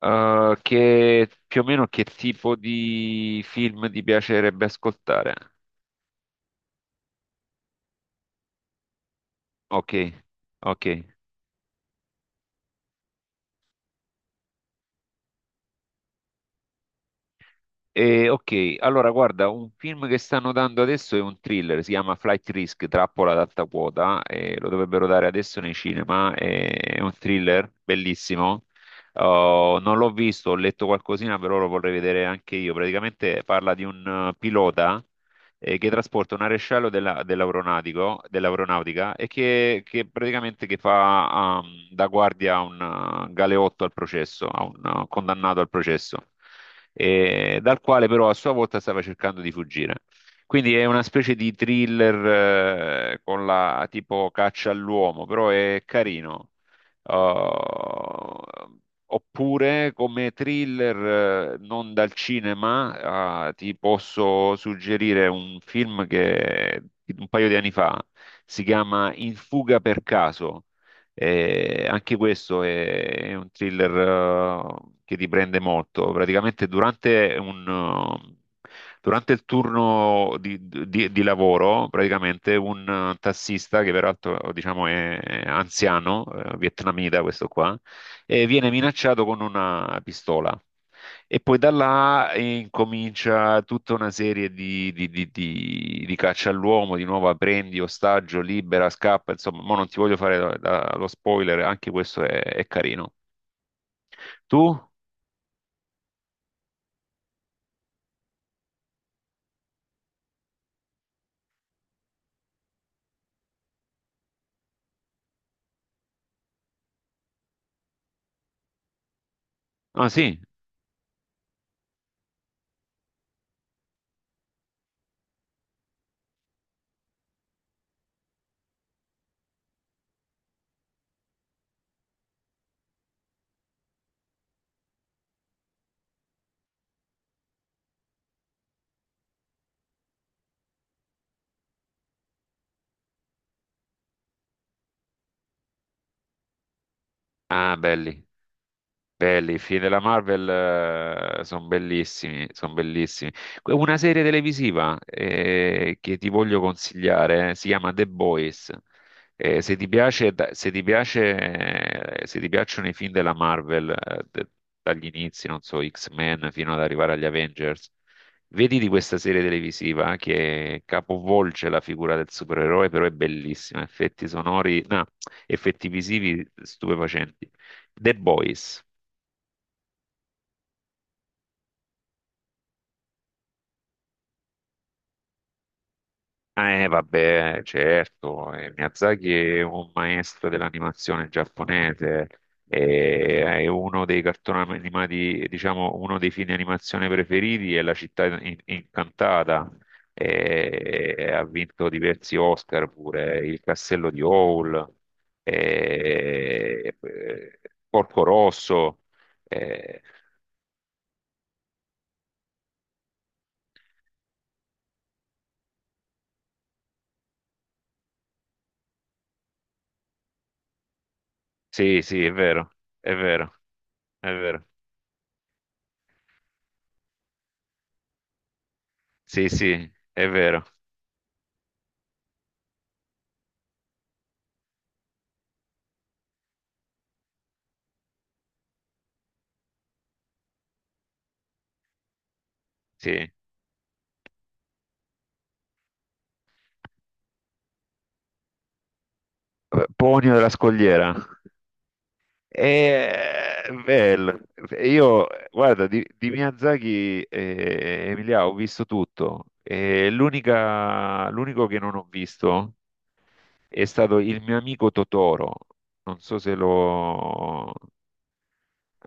Che più o meno che tipo di film ti piacerebbe ascoltare? Ok, ok. Allora guarda, un film che stanno dando adesso è un thriller, si chiama Flight Risk, Trappola ad alta quota, e lo dovrebbero dare adesso nei cinema, è un thriller bellissimo. Oh, non l'ho visto, ho letto qualcosina, però lo vorrei vedere anche io. Praticamente parla di un pilota. Che trasporta un arescello dell'aeronautica e che praticamente che fa da guardia a un galeotto al processo, a un condannato al processo, dal quale però a sua volta stava cercando di fuggire. Quindi è una specie di thriller con la tipo caccia all'uomo, però è carino. Uh, Oppure come thriller non dal cinema, ah, ti posso suggerire un film che un paio di anni fa si chiama In fuga per caso. Anche questo è un thriller che ti prende molto. Praticamente durante un, durante il turno di lavoro, praticamente un tassista che peraltro diciamo è anziano, vietnamita questo qua e viene minacciato con una pistola. E poi da là incomincia tutta una serie di caccia all'uomo, di nuovo "Ah, prendi ostaggio, libera, scappa, insomma, mo non ti voglio fare lo spoiler, anche questo è carino. Tu? Ah sì? Ah, belli. Belli, i film della Marvel sono bellissimi, sono bellissimi. Una serie televisiva che ti voglio consigliare, si chiama The Boys. Se ti piace, se ti piacciono i film della Marvel, dagli inizi, non so, X-Men fino ad arrivare agli Avengers, vedi di questa serie televisiva che capovolge la figura del supereroe, però è bellissima, effetti sonori, no, effetti visivi stupefacenti. The Boys. Ah. Vabbè, certo, Miyazaki è un maestro dell'animazione giapponese, e è uno dei cartoni animati, diciamo, uno dei film di animazione preferiti è La città incantata, e ha vinto diversi Oscar pure, Il castello di Howl, e, eh, Porco Rosso, eh, sì, sì, è vero, è vero, è vero, sì, sì, è vero, sì. Ponio della Scogliera. E, bello. Io, guarda, di Miyazaki, Emilia, ho visto tutto. E l'unico che non ho visto è stato il mio amico Totoro. Non so se lo.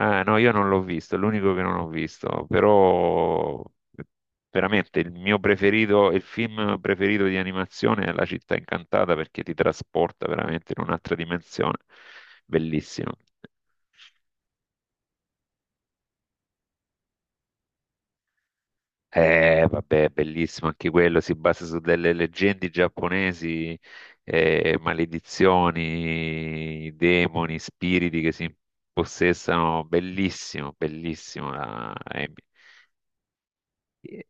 Ah, no, io non l'ho visto, è l'unico che non ho visto, però veramente il mio preferito, il film preferito di animazione è La città incantata perché ti trasporta veramente in un'altra dimensione. Bellissimo. Vabbè, bellissimo anche quello, si basa su delle leggende giapponesi, maledizioni, demoni, spiriti che si impossessano. Bellissimo, bellissimo. Eh,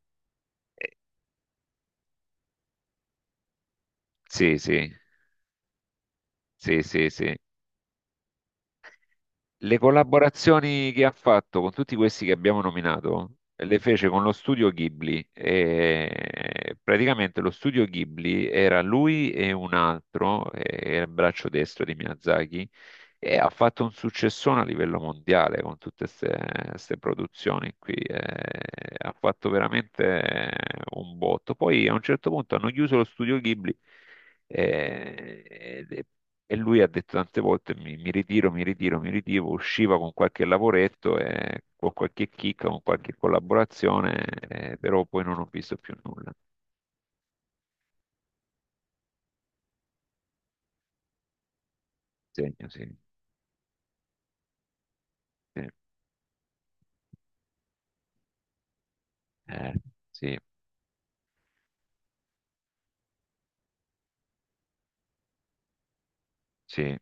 sì, sì. Sì, sì, sì. Le collaborazioni che ha fatto con tutti questi che abbiamo nominato le fece con lo studio Ghibli. E praticamente lo studio Ghibli era lui e un altro, era il braccio destro di Miyazaki, e ha fatto un successone a livello mondiale con tutte queste produzioni qui. Ha fatto veramente un botto. Poi a un certo punto hanno chiuso lo studio Ghibli. eh, e e lui ha detto tante volte mi ritiro, mi ritiro, mi ritiro, usciva con qualche lavoretto, e, con qualche chicca, con qualche collaborazione, però poi non ho visto più nulla. Segno, sì, sì. Eh, sì, sì,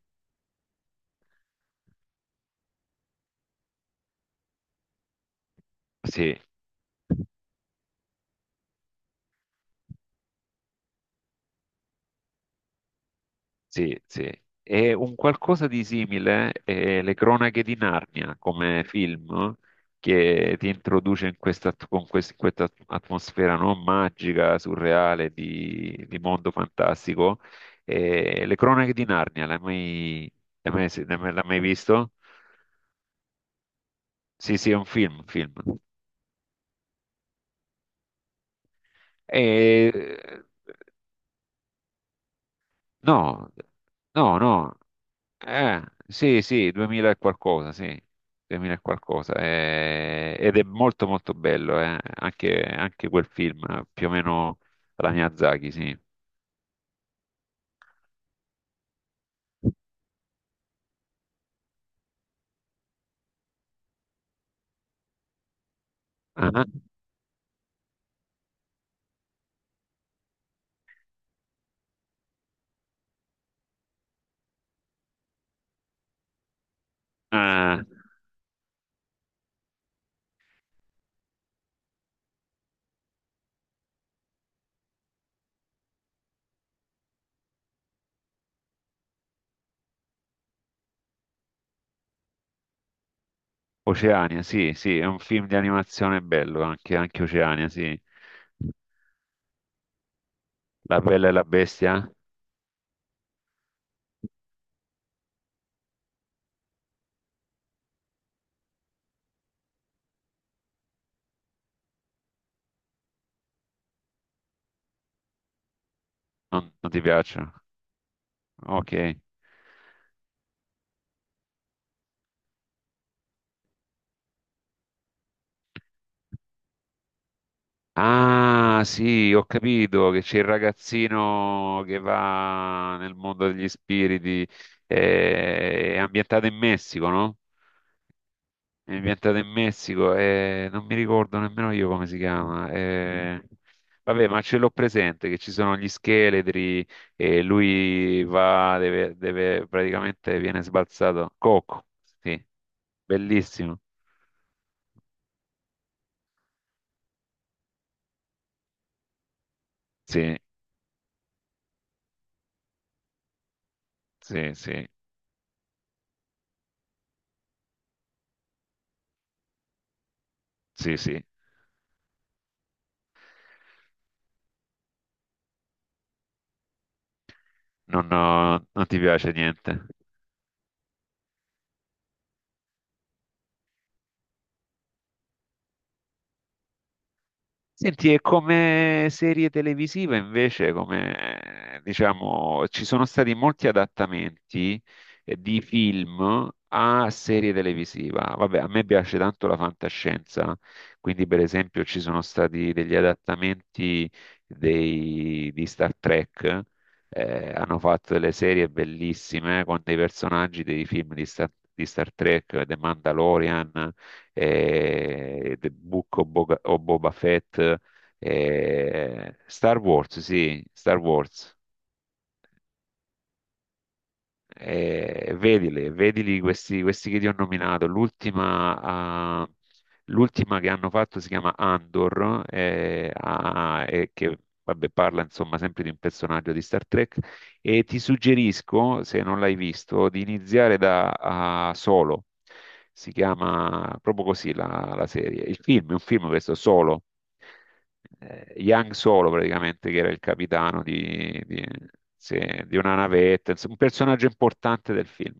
sì. Sì, sì. E un qualcosa di simile è Le Cronache di Narnia come film che ti introduce in questa, in questa atmosfera non magica, surreale, di mondo fantastico. E Le Cronache di Narnia, l'hai mai visto? Sì, sì, è un film, un film. E- no, no, no. Sì, sì, 2000 e qualcosa, sì, 2000 e qualcosa, ed è molto molto bello, anche quel film, più o meno alla Miyazaki, sì. Ah, ah, Oceania, sì, sì, è un film di animazione bello, anche Oceania, sì. La bella e la bestia? Non, non ti piacciono? Ok. Ah, sì, ho capito che c'è il ragazzino che va nel mondo degli spiriti, è ambientato in Messico, no? È ambientato in Messico, non mi ricordo nemmeno io come si chiama. Vabbè, ma ce l'ho presente che ci sono gli scheletri e lui va, praticamente viene sbalzato. Coco, sì, bellissimo. Sì, sì, sì, sì, sì. Non ti piace niente. Senti, e come serie televisiva invece, come diciamo, ci sono stati molti adattamenti di film a serie televisiva. Vabbè, a me piace tanto la fantascienza, quindi per esempio ci sono stati degli adattamenti di Star Trek. Hanno fatto delle serie bellissime con dei personaggi dei film di Star Trek, The Mandalorian. The Book of Boba Fett, Star Wars, sì, Star Wars. Vedili, vedili questi, questi che ti ho nominato. L'ultima che hanno fatto si chiama Andor, ah, e che vabbè, parla insomma sempre di un personaggio di Star Trek. E ti suggerisco, se non l'hai visto, di iniziare da Solo. Si chiama proprio così la serie. Il film è un film questo, Solo Yang Solo praticamente, che era il capitano sì, di una navetta, insomma, un personaggio importante del film.